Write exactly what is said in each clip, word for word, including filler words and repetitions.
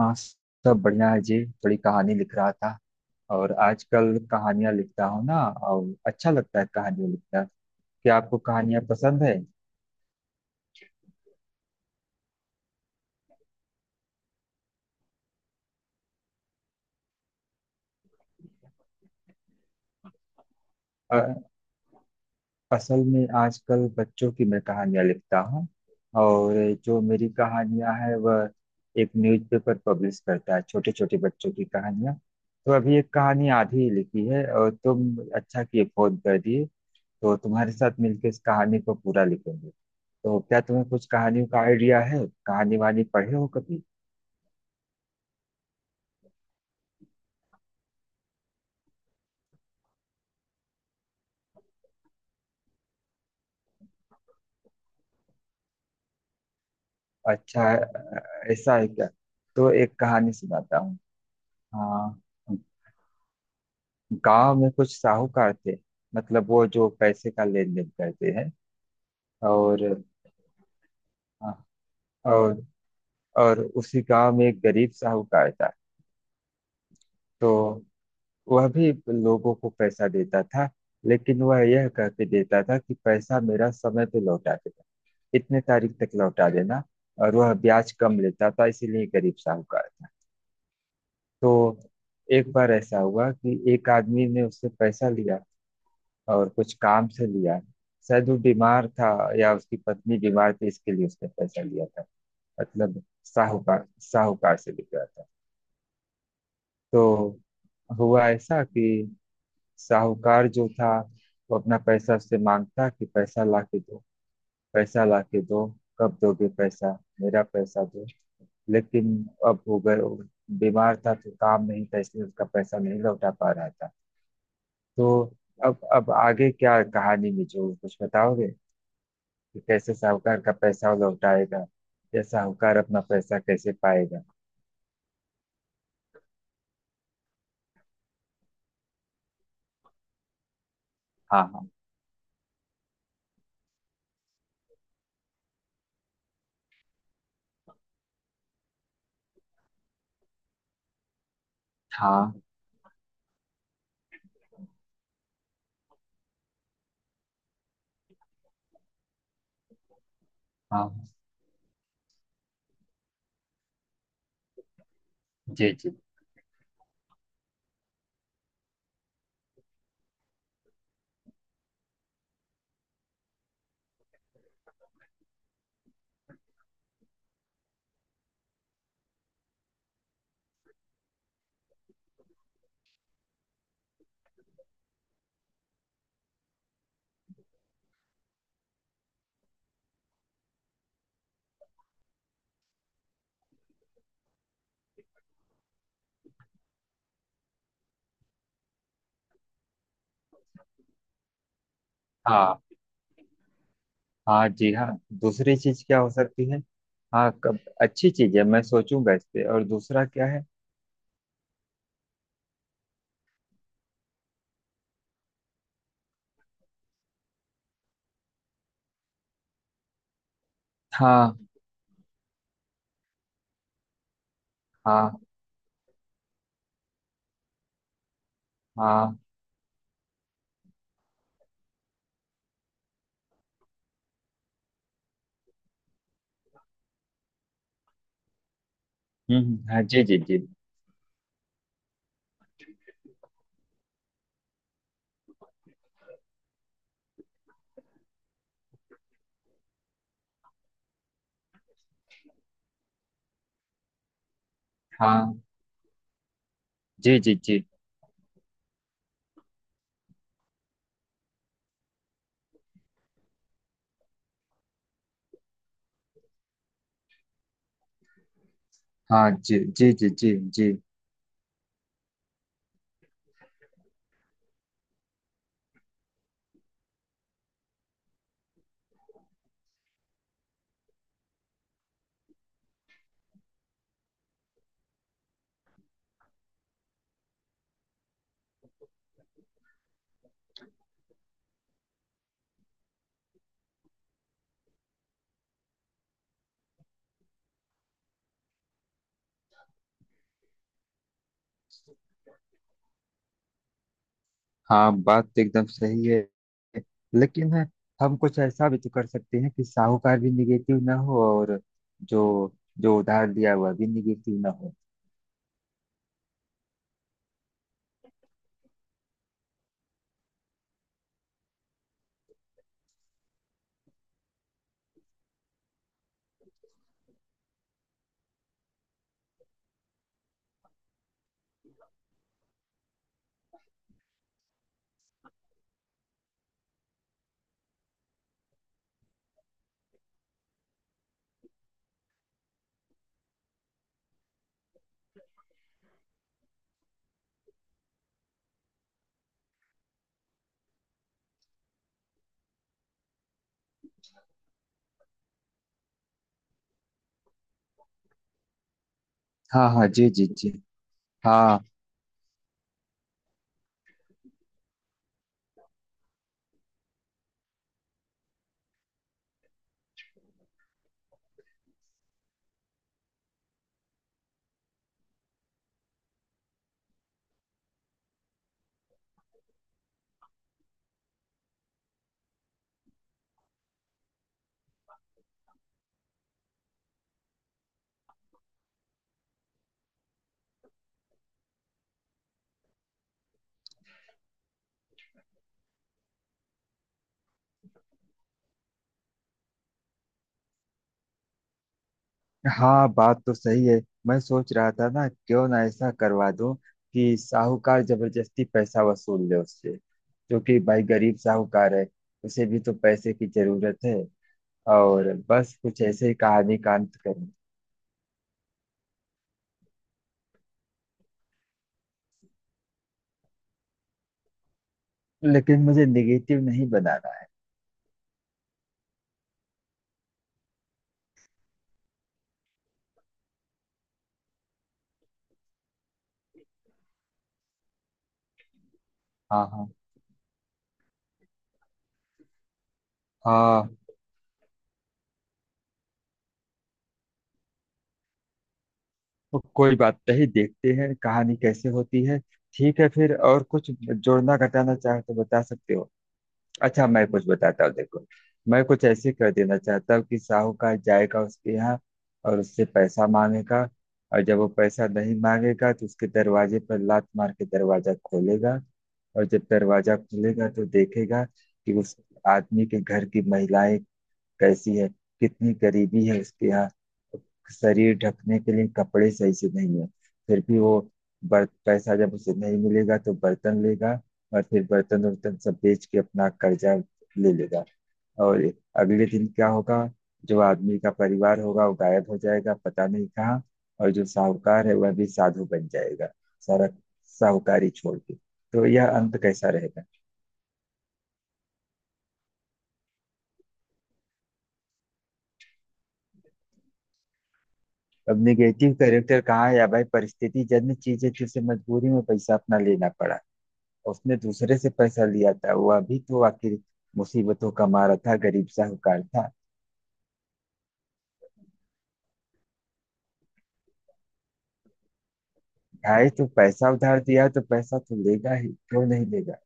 हाँ, सब बढ़िया है जी। थोड़ी कहानी लिख रहा था। और आजकल कहानियां लिखता हूँ ना। और अच्छा लगता है कहानियां लिखना। क्या आपको कहानियां पसंद है? अ- असल में आजकल बच्चों की मैं कहानियां लिखता हूँ। और जो मेरी कहानियां है, वह एक न्यूज़पेपर पब्लिश करता है, छोटे छोटे बच्चों की कहानियां। तो अभी एक कहानी आधी ही लिखी है और तुम अच्छा किए फोन कर दिए। तो तुम्हारे साथ मिलकर इस कहानी को पूरा लिखेंगे। तो क्या तुम्हें कुछ कहानियों का आइडिया है? कहानी वानी पढ़े हो कभी? अच्छा, अ, ऐसा है क्या? तो एक कहानी सुनाता हूँ। हाँ, गांव में कुछ साहूकार थे। मतलब वो जो पैसे का लेन देन करते हैं। और और और उसी गांव में एक गरीब साहूकार था। तो वह भी लोगों को पैसा देता था, लेकिन वह यह कह के देता था कि पैसा मेरा समय पे लौटा देगा, इतने तारीख तक लौटा देना। और वह ब्याज कम लेता था, इसीलिए गरीब साहूकार था। तो एक बार ऐसा हुआ कि एक आदमी ने उससे पैसा लिया, और कुछ काम से लिया। शायद वो बीमार था, या उसकी पत्नी बीमार थी, इसके लिए उसने पैसा लिया था। मतलब साहूकार साहूकार से लिया था। तो हुआ ऐसा कि साहूकार जो था, वो अपना पैसा उससे मांगता कि पैसा ला के दो, पैसा ला के दो, कब दोगे पैसा, मेरा पैसा दो। लेकिन अब हो गए, वो बीमार था तो काम नहीं था, इसलिए उसका पैसा नहीं लौटा पा रहा था। तो अब अब आगे क्या कहानी में जो कुछ बताओगे कि कैसे साहूकार का पैसा वो लौटाएगा, या साहूकार अपना पैसा कैसे पाएगा? हाँ, हाँ, हाँ। हाँ जी, जी हाँ। हाँ, जी हाँ। दूसरी चीज क्या हो सकती है? हाँ, कब अच्छी चीज है, मैं सोचूंगा इस पे। और दूसरा क्या है? हाँ, हाँ, हाँ। हम्म, हाँ जी, जी जी। हाँ जी, जी जी। हाँ जी, जी जी, जी जी। हाँ, बात तो एकदम सही है। लेकिन है, हम कुछ ऐसा भी तो कर सकते हैं कि साहूकार भी निगेटिव ना हो, और जो जो उधार लिया हुआ भी निगेटिव ना हो। हाँ, हाँ, जी जी जी। हाँ, हाँ, बात तो सही है। मैं सोच रहा था ना क्यों ना ऐसा करवा दूं कि साहूकार जबरदस्ती पैसा वसूल ले उससे, क्योंकि भाई गरीब साहूकार है, उसे भी तो पैसे की जरूरत है। और बस कुछ ऐसे ही कहानी का अंत करें। लेकिन मुझे नेगेटिव नहीं बनाना है। हाँ, हाँ, हाँ। तो कोई बात नहीं, देखते हैं कहानी कैसे होती है। ठीक है, फिर और कुछ जोड़ना घटाना चाहे तो बता सकते हो। अच्छा, मैं कुछ बताता हूँ, देखो। मैं कुछ ऐसे कर देना चाहता हूँ कि साहूकार जाएगा उसके यहाँ और उससे पैसा मांगेगा। और जब वो पैसा नहीं मांगेगा तो उसके दरवाजे पर लात मार के दरवाजा खोलेगा। और जब दरवाजा खुलेगा तो देखेगा कि उस आदमी के घर की महिलाएं कैसी है, कितनी गरीबी है उसके यहाँ। शरीर ढकने के लिए कपड़े सही से नहीं है। फिर भी वो बर, पैसा जब उसे नहीं मिलेगा तो बर्तन लेगा, और फिर बर्तन वर्तन सब बेच के अपना कर्जा ले लेगा। और अगले दिन क्या होगा, जो आदमी का परिवार होगा वो गायब हो जाएगा, पता नहीं कहाँ। और जो साहूकार है, वह भी साधु बन जाएगा, सारा साहूकारी छोड़ के। तो यह अंत कैसा रहेगा? अब निगेटिव कैरेक्टर कहाँ? या भाई, परिस्थिति जन्य चीज है कि उसे मजबूरी में पैसा अपना लेना पड़ा। उसने दूसरे से पैसा लिया था, वह भी तो आखिर मुसीबतों का मारा था, गरीब साहूकार था। भाई, तो पैसा उधार दिया तो पैसा तो लेगा ही, क्यों नहीं लेगा?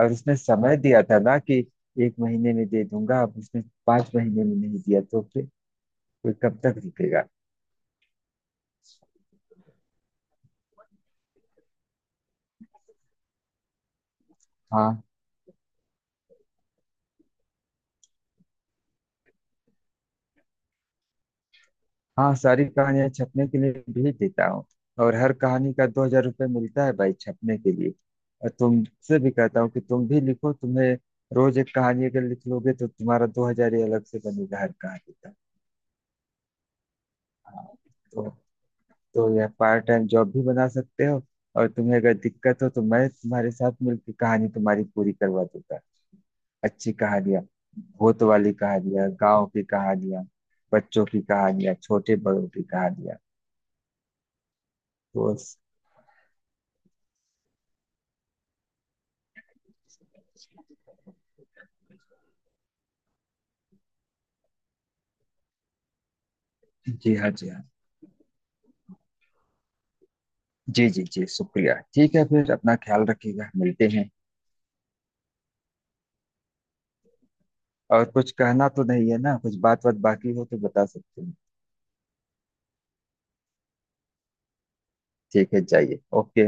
और उसने समय दिया था ना कि एक महीने में दे दूंगा। अब उसने पांच महीने में नहीं दिया तो फिर कोई कब तक रुकेगा? हाँ, हाँ, सारी कहानियां छपने के लिए भेज देता हूँ। और हर कहानी का दो हजार रुपये मिलता है भाई, छपने के लिए। और तुमसे भी कहता हूँ कि तुम भी लिखो, तुम्हें रोज एक कहानी अगर लिख लोगे तो तुम्हारा दो हजार ही अलग से बनेगा हर कहानी का। हाँ, तो, तो यह पार्ट टाइम जॉब भी बना सकते हो। और तुम्हें अगर दिक्कत हो तो मैं तुम्हारे साथ मिलकर कहानी तुम्हारी पूरी करवा दूंगा। अच्छी कहानियां, भूत वाली कहानियां, गांव की कहानियां, बच्चों की कहानियां, छोटे बड़ों की कहानियां। तो जी हाँ, जी हाँ, जी जी जी, शुक्रिया। ठीक है फिर, अपना ख्याल रखिएगा, मिलते हैं। और कुछ कहना तो नहीं है ना, कुछ बात बात बाकी हो तो बता सकते हैं। ठीक है, जाइए, ओके।